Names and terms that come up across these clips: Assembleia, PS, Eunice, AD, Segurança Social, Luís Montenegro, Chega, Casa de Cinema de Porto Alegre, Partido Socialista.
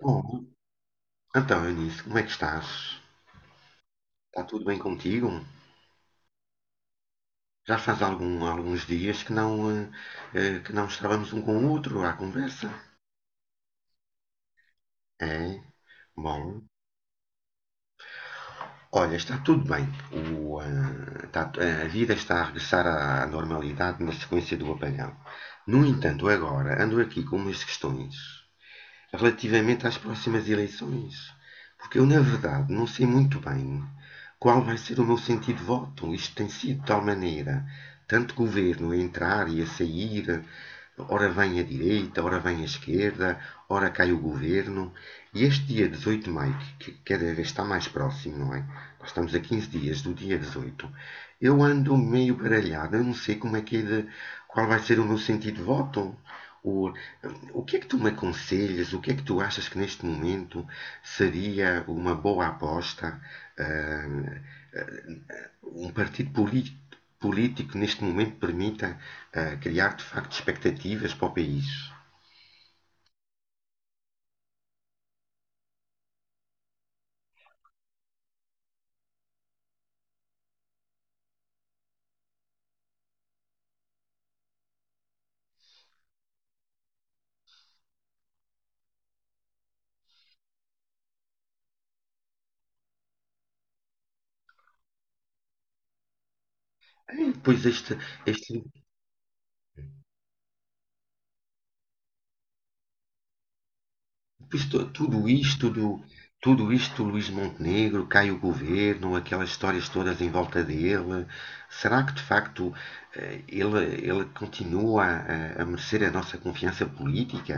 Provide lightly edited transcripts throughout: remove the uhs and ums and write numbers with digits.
Bom, então, Eunice, como é que estás? Está tudo bem contigo? Já faz alguns dias que não estávamos um com o outro à conversa? É? Bom, olha, está tudo bem. A vida está a regressar à normalidade na sequência do apagão. No entanto, agora ando aqui com umas questões relativamente às próximas eleições, porque eu, na verdade, não sei muito bem qual vai ser o meu sentido de voto. Isto tem sido de tal maneira, tanto governo a entrar e a sair, ora vem a direita, ora vem a esquerda, ora cai o governo. E este dia 18 de maio, que cada vez está mais próximo, não é? Nós estamos a 15 dias do dia 18. Eu ando meio baralhado, eu não sei como é que é de, qual vai ser o meu sentido de voto. O, o que é que tu me aconselhas? O que é que tu achas que neste momento seria uma boa aposta, ah, um partido político neste momento permita, criar de facto expectativas para o país. E depois este Isto- tudo isto do, tudo isto do Luís Montenegro, cai o governo, aquelas histórias todas em volta dele. Será que de facto, eh, ele, ele continua a merecer a nossa confiança política?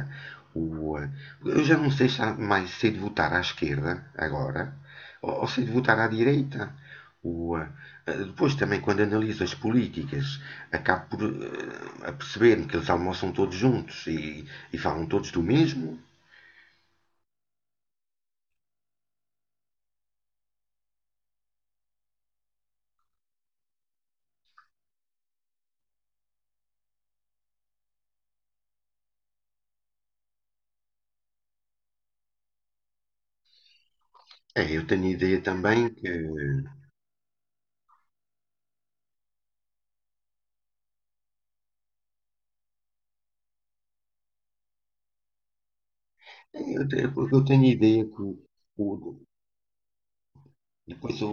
O, eh, eu já não sei se há mais sei de votar à esquerda agora ou sei de votar à direita. O, eh, Depois também quando analiso as políticas, acabo por, perceber me que eles almoçam todos juntos e falam todos do mesmo. É, eu tenho ideia também que, é. Eu te- eu tenho ideia que o- depois o,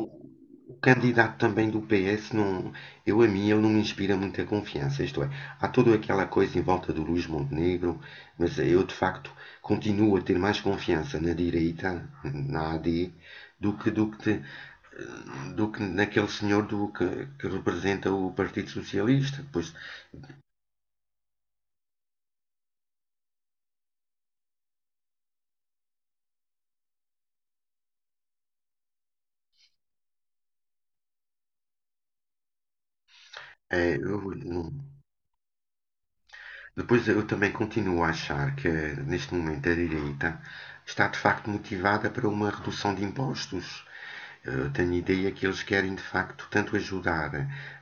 o candidato também do PS, não, eu a mim, ele não me inspira muita confiança. Isto é, há toda aquela coisa em volta do Luís Montenegro, mas eu de facto continuo a ter mais confiança na direita, na AD, do que, do que, te- do que naquele senhor que representa o Partido Socialista. Pois, é, eu não. Depois eu também continuo a achar que, neste momento, a direita está de facto motivada para uma redução de impostos. Eu tenho ideia que eles querem de facto tanto ajudar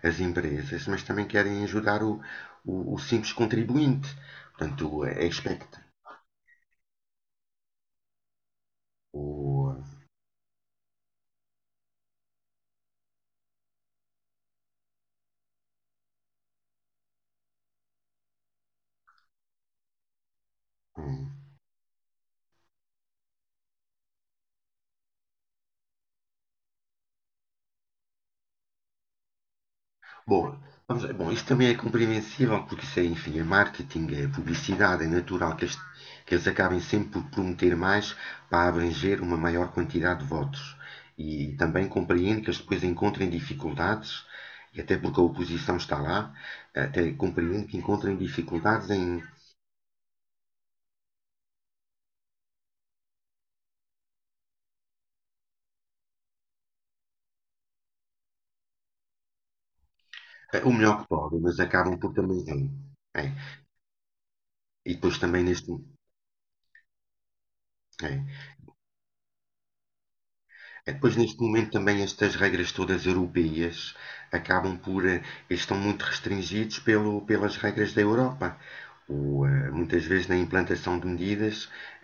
as empresas, mas também querem ajudar o simples contribuinte. Portanto, é expecta, o, um, boa. Vamos lá. Bom, isto também é compreensível, porque isso é, enfim, é marketing, é publicidade, é natural que eles acabem sempre por prometer mais para abranger uma maior quantidade de votos. E também compreendo que eles depois encontrem dificuldades, e até porque a oposição está lá, até compreendo que encontrem dificuldades em é, o melhor que podem, mas acabam por também. É, é. E depois também neste, é. É, depois, neste momento, também estas regras todas europeias acabam por, estão muito restringidos pelas regras da Europa. Muitas vezes, na implantação de medidas,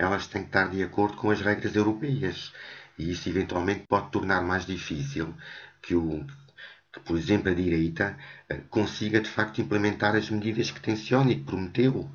elas têm que estar de acordo com as regras europeias. E isso, eventualmente, pode tornar mais difícil que, o, que, por exemplo, a direita, consiga, de facto, implementar as medidas que tenciona e que prometeu.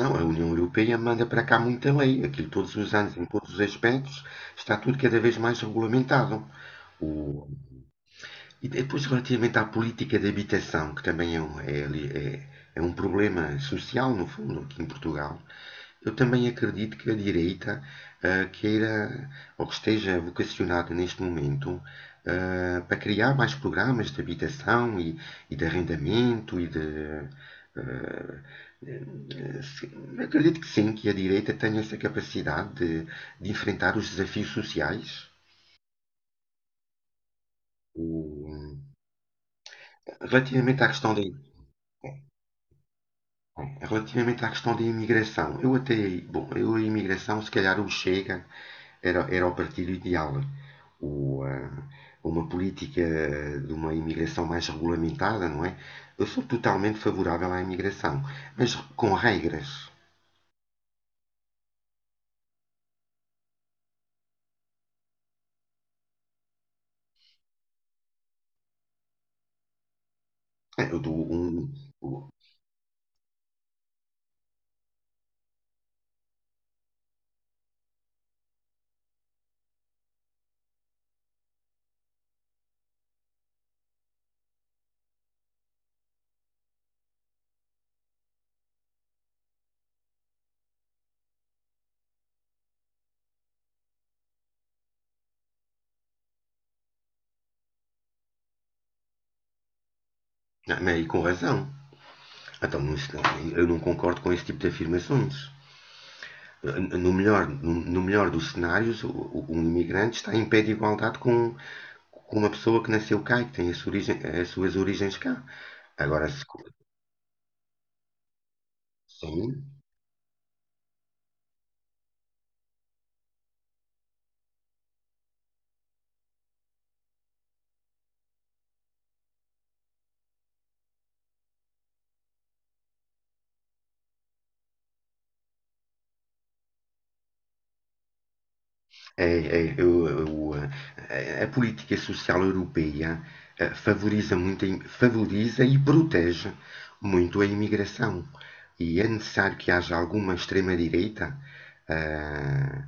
Não, a União Europeia manda para cá muita lei. Aquilo todos os anos, em todos os aspectos, está tudo cada vez mais regulamentado. O- E depois, relativamente à política de habitação, que também é um problema social, no fundo, aqui em Portugal, eu também acredito que a direita, queira, ou que esteja vocacionada neste momento, para criar mais programas de habitação e de arrendamento e de, ah, sim, acredito que sim, que a direita tem essa capacidade de enfrentar os desafios sociais. O- relativamente à questão da relativamente à questão da imigração, eu até, bom, eu a imigração, se calhar o Chega era o partido ideal. O, ah, uma política de uma imigração mais regulamentada, não é? Eu sou totalmente favorável à imigração, mas com regras. É, eu dou um, o- não, mas e com razão. Então, eu não concordo com esse tipo de afirmações. No melhor dos cenários, um imigrante está em pé de igualdade com uma pessoa que nasceu cá e que tem as suas origens cá. Agora, sim, a política social europeia, eh, favoriza muito, a favoriza e protege muito a imigração. E é necessário que haja alguma extrema-direita, ah,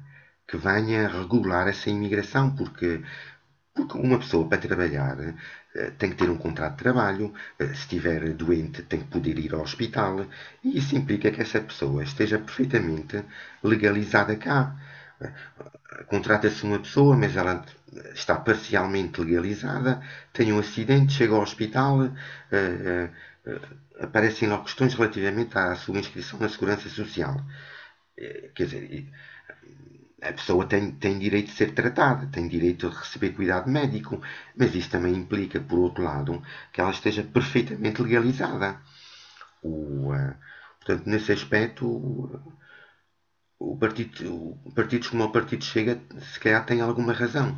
que venha regular essa imigração, porque uma pessoa para trabalhar, tem que ter um contrato de trabalho, se estiver doente tem que poder ir ao hospital, e isso implica que essa pessoa esteja perfeitamente legalizada cá. Eh, Contrata-se uma pessoa, mas ela, está parcialmente legalizada, tem um acidente, chega ao hospital, eh, eh, aparecem lá questões relativamente à sua inscrição na Segurança Social. Quer dizer, a pessoa tem, direito de ser tratada, tem direito de receber cuidado médico, mas isso também implica, por outro lado, que ela esteja perfeitamente legalizada. O, ah, portanto, nesse aspecto, partido, partidos como o Partido Chega, se calhar, tem alguma razão.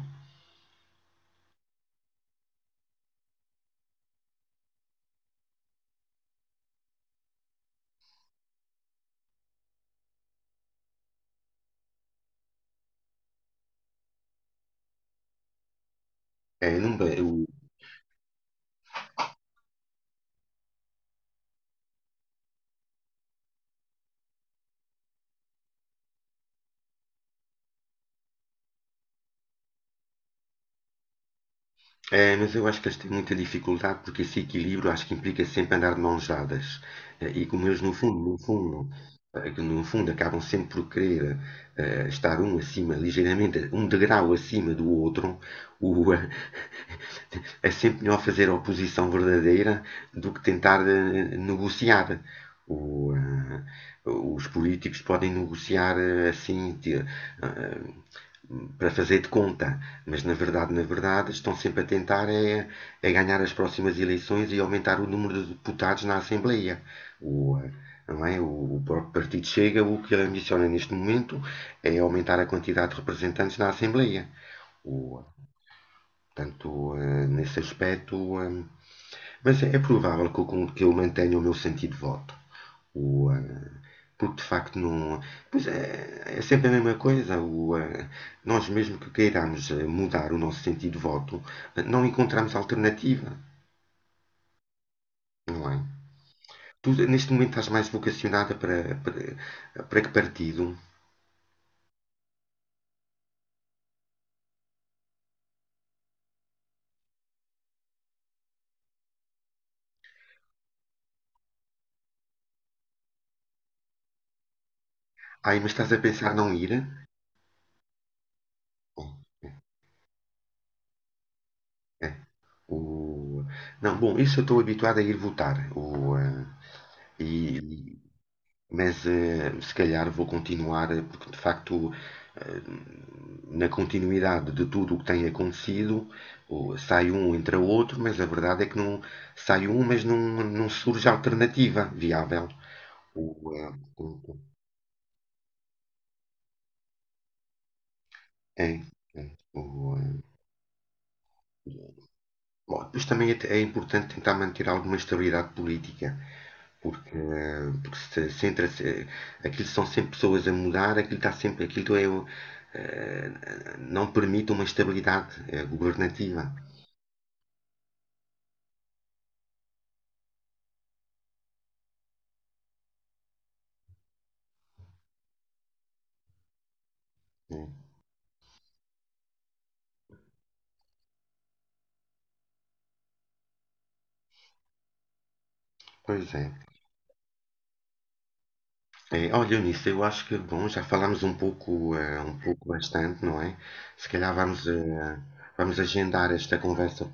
É, não, mas eu acho que eles têm muita dificuldade porque esse equilíbrio acho que implica sempre andar de mãos dadas. É, e como eles, no fundo, no fundo, Que no fundo acabam sempre por querer, estar um acima, ligeiramente um degrau acima do outro, o, eh, é sempre melhor fazer oposição verdadeira do que tentar, negociar. O, eh, os políticos podem negociar, para fazer de conta, mas na verdade, estão sempre a tentar é ganhar as próximas eleições e aumentar o número de deputados na Assembleia. O, eh, não é? O próprio Partido Chega, o que ele ambiciona neste momento é aumentar a quantidade de representantes na Assembleia. O, portanto, nesse aspecto. Mas é provável que eu mantenha o meu sentido de voto. O, eh, porque de facto não. Pois é, é sempre a mesma coisa. Nós, mesmo que queiramos, mudar o nosso sentido de voto, não encontramos alternativa. Não é? Tu, neste momento, estás mais vocacionada para, para que partido? Aí, mas estás a pensar não ir? Bom, é, o... não, bom, isso eu estou habituado a ir votar. E, e- mas, se calhar vou continuar, porque de facto, eh, na continuidade de tudo o que tem acontecido, sai um, entra outro, mas a verdade é que não sai um, mas não surge alternativa viável. O, eh, o- é, é, o, eh, bom, depois também é importante tentar manter alguma estabilidade política. Porque, porque se centra-se. Aquilo são sempre pessoas a mudar, aquilo está sempre. Aquilo, eh, não permite uma estabilidade, governativa. Né? Pois é. Olha, Eunice, eu acho que, bom, já falámos um pouco, um pouco bastante, não é? Se calhar vamos, agendar esta conversa.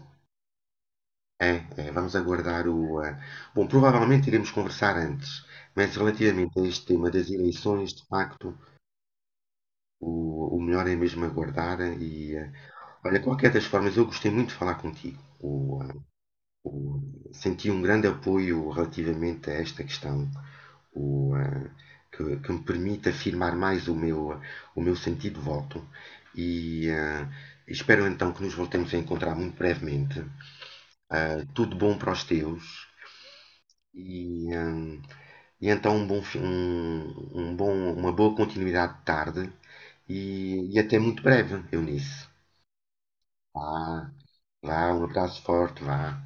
É, é, vamos aguardar o. Bom, provavelmente iremos conversar antes, mas relativamente a este tema das eleições, de facto, o melhor é mesmo aguardar e, olha, qualquer das formas, eu gostei muito de falar contigo. O- senti um grande apoio relativamente a esta questão, o, eh, que me permite afirmar mais o meu sentido de voto. E espero então que nos voltemos a encontrar muito brevemente. Tudo bom para os teus. E, eh, e então um bom, fi- um bom, uma boa continuidade de tarde e até muito breve, Eunice. Vá, vá, um abraço forte, vá.